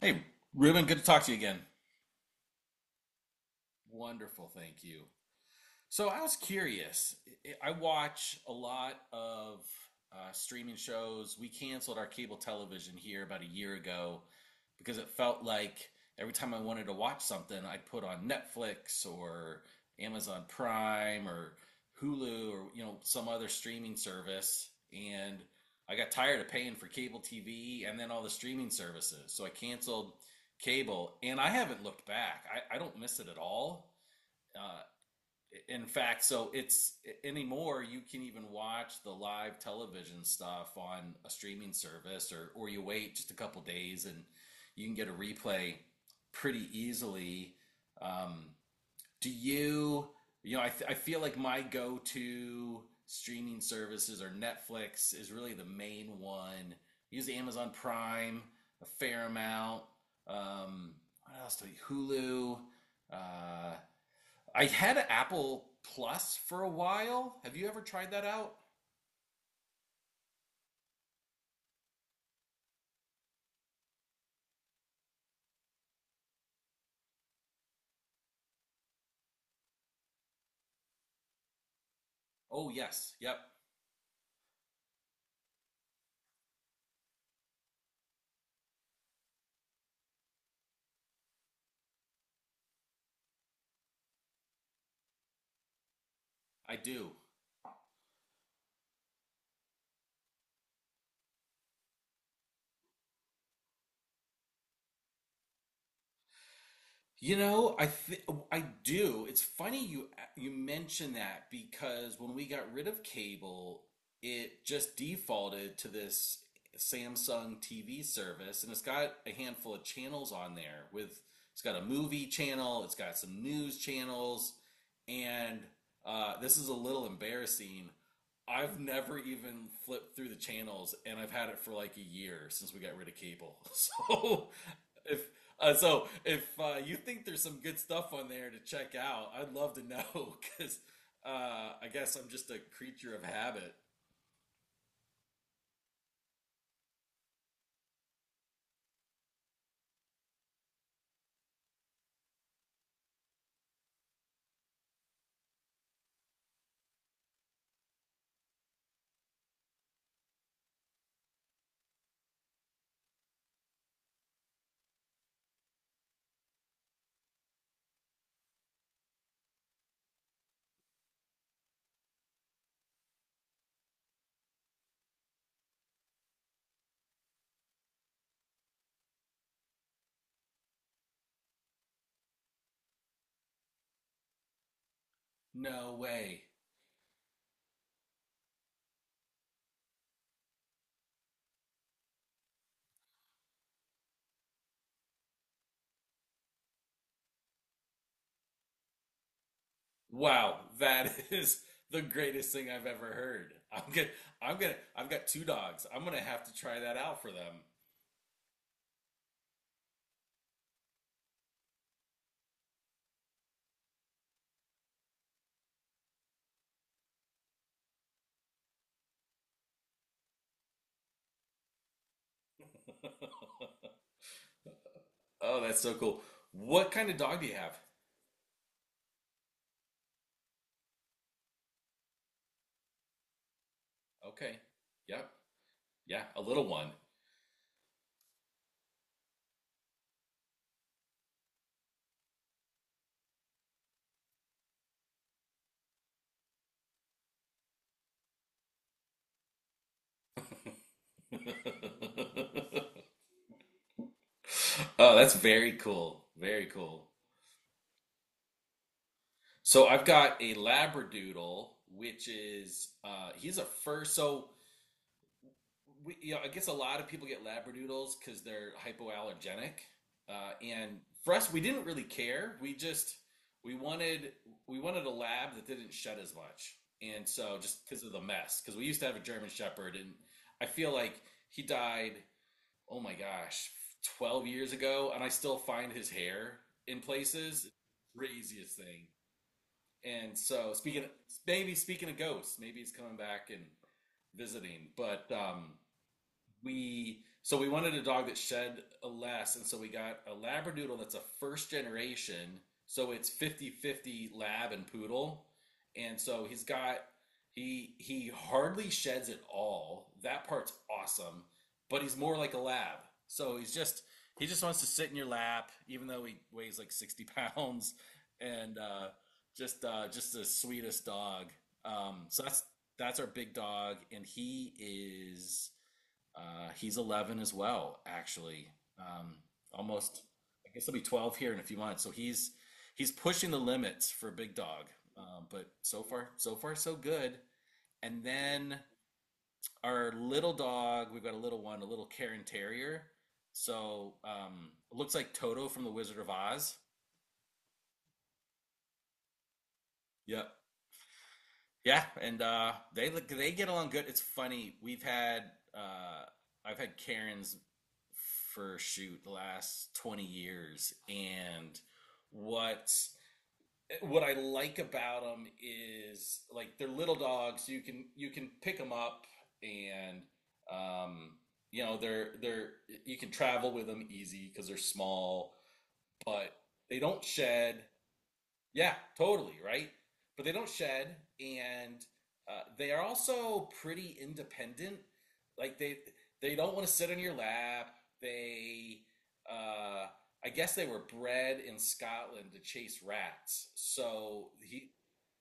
Hey, Ruben, good to talk to you again. Wonderful, thank you. So I was curious. Watch a lot of streaming shows. We canceled our cable television here about a year ago because it felt like every time I wanted to watch something, I'd put on Netflix or Amazon Prime or Hulu or some other streaming service, and I got tired of paying for cable TV and then all the streaming services. So I canceled cable, and I haven't looked back. I don't miss it at all. Uh, in fact, so it's anymore you can even watch the live television stuff on a streaming service or you wait just a couple days and you can get a replay pretty easily. Um, do you you know I, th- I feel like my go-to streaming services are Netflix is really the main one. I use Amazon Prime a fair amount. Um, what else do you Hulu? Uh, I had Apple Plus for a while. Have you ever tried that out? Oh, yes. Yep, I do. You know, I think I do. It's funny you mention that because when we got rid of cable, it just defaulted to this Samsung TV service, and it's got a handful of channels on there with it's got a movie channel, it's got some news channels, and this is a little embarrassing. I've never even flipped through the channels, and I've had it for like a year since we got rid of cable. So if so if you think there's some good stuff on there to check out, I'd love to know because I guess I'm just a creature of habit. No way! Wow, that is the greatest thing I've ever heard. I've got two dogs. I'm gonna have to try that out for them. Oh, that's so cool. What kind of dog do you have? Okay. Yep. Yeah, a little one. Oh, that's very cool. Very cool. So I've got a Labradoodle, which is he's a fur. So I guess a lot of people get Labradoodles because they're hypoallergenic. And for us, we didn't really care. We wanted we wanted a lab that didn't shed as much, and so just because of the mess, because we used to have a German Shepherd, and I feel like he died. Oh my gosh, 12 years ago, and I still find his hair in places. Craziest thing. And so maybe speaking of ghosts, maybe he's coming back and visiting. But we wanted a dog that shed less, and so we got a Labradoodle that's a first generation. So it's 50-50 lab and poodle. And so he's got he hardly sheds at all. That part's awesome, but he's more like a lab. So he just wants to sit in your lap, even though he weighs like 60 pounds, and just the sweetest dog. So that's our big dog, and is he's 11 as well, actually. Um, Almost, I guess he'll be 12 here in a few months. So he's pushing the limits for a big dog. But so far, so far, so good. And then our little dog, we've got a little one, a little Cairn Terrier. So it looks like Toto from The Wizard of Oz. Yep, yeah, and they get along good. It's funny. We've had uh, I've had Karens for shoot the last 20 years, and what what I like about them is like they're little dogs. You can pick them up and um, they're you can travel with them easy because they're small, but they don't shed. Yeah, totally, right? But they don't shed, and they are also pretty independent. Like they don't want to sit on your lap. They uh, I guess they were bred in Scotland to chase rats. So he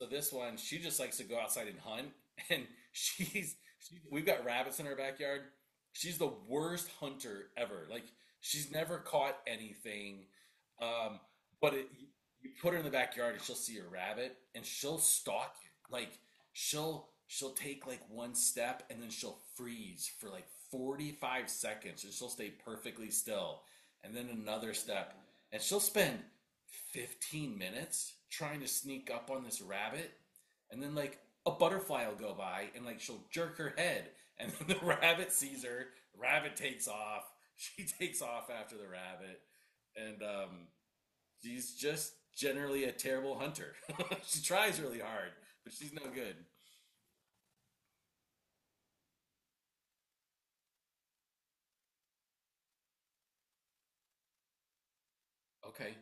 so this one, she just likes to go outside and hunt, and we've got rabbits in our backyard. She's the worst hunter ever. Like she's never caught anything. Um, but you put her in the backyard and she'll see a rabbit and she'll stalk you. Like she'll take like one step and then she'll freeze for like 45 seconds and she'll stay perfectly still and then another step and she'll spend 15 minutes trying to sneak up on this rabbit and then like a butterfly will go by and like she'll jerk her head and then the rabbit sees her, the rabbit takes off, she takes off after the rabbit, and she's just generally a terrible hunter. She tries really hard, but she's no good. Okay.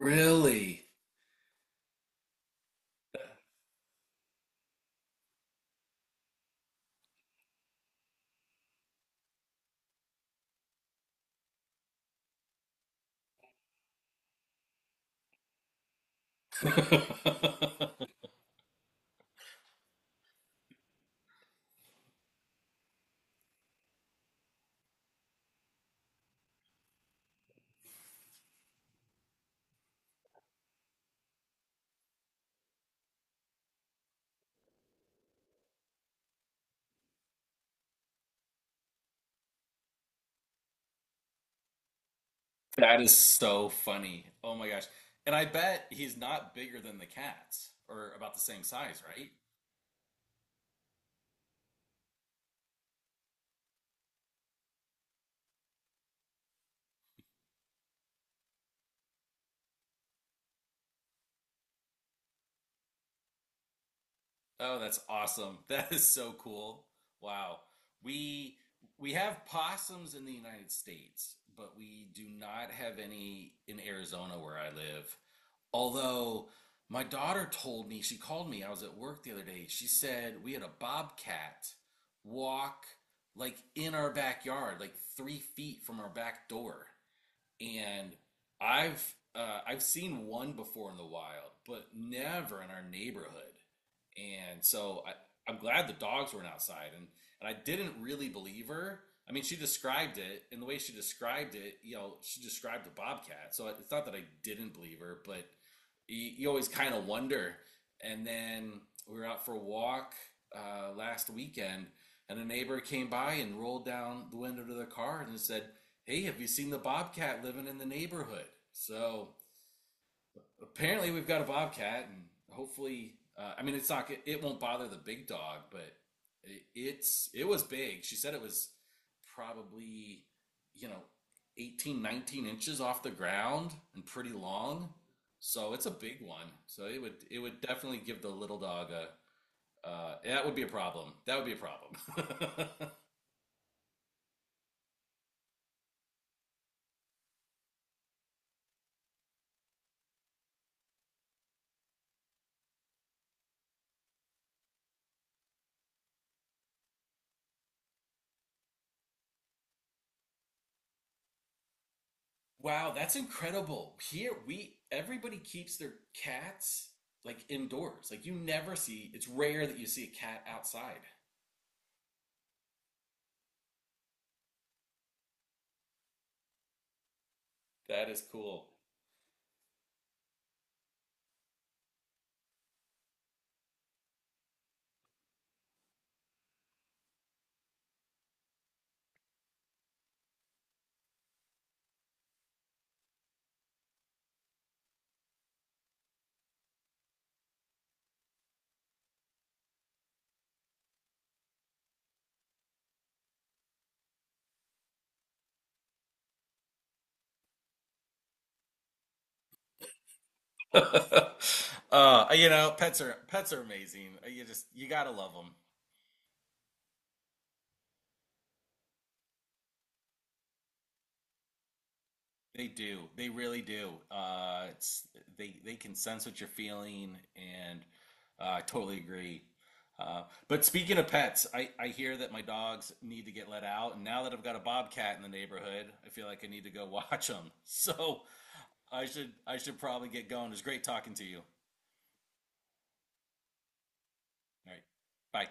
Really? That is so funny. Oh my gosh. And I bet he's not bigger than the cats or about the same size, right? Oh, that's awesome. That is so cool. Wow. We we have possums in the United States, but we do not have any in Arizona where I live. Although my daughter told me, she called me, I was at work the other day. She said we had a bobcat walk like in our backyard, like 3 feet from our back door, and I've seen one before in the wild, but never in our neighborhood. And so I'm glad the dogs weren't outside. And I didn't really believe her. I mean, she described it, and the way she described it, she described a bobcat. So it's not that I didn't believe her, but you always kind of wonder. And then we were out for a walk last weekend, and a neighbor came by and rolled down the window to their car and said, "Hey, have you seen the bobcat living in the neighborhood?" So apparently we've got a bobcat, and hopefully, I mean, it's not it, won't bother the big dog, but it was big. She said it was probably you know 18, 19 inches off the ground and pretty long. So it's a big one. So it would definitely give the little dog a, that would be a problem. That would be a problem. Wow, that's incredible. Here we everybody keeps their cats like indoors. Like you never see, it's rare that you see a cat outside. That is cool. Pets are amazing. You gotta love them. They do. They really do. It's they can sense what you're feeling, and I totally agree. Uh, but speaking of pets, I hear that my dogs need to get let out, and now that I've got a bobcat in the neighborhood, I feel like I need to go watch them. So I should probably get going. It was great talking to you. All right, bye.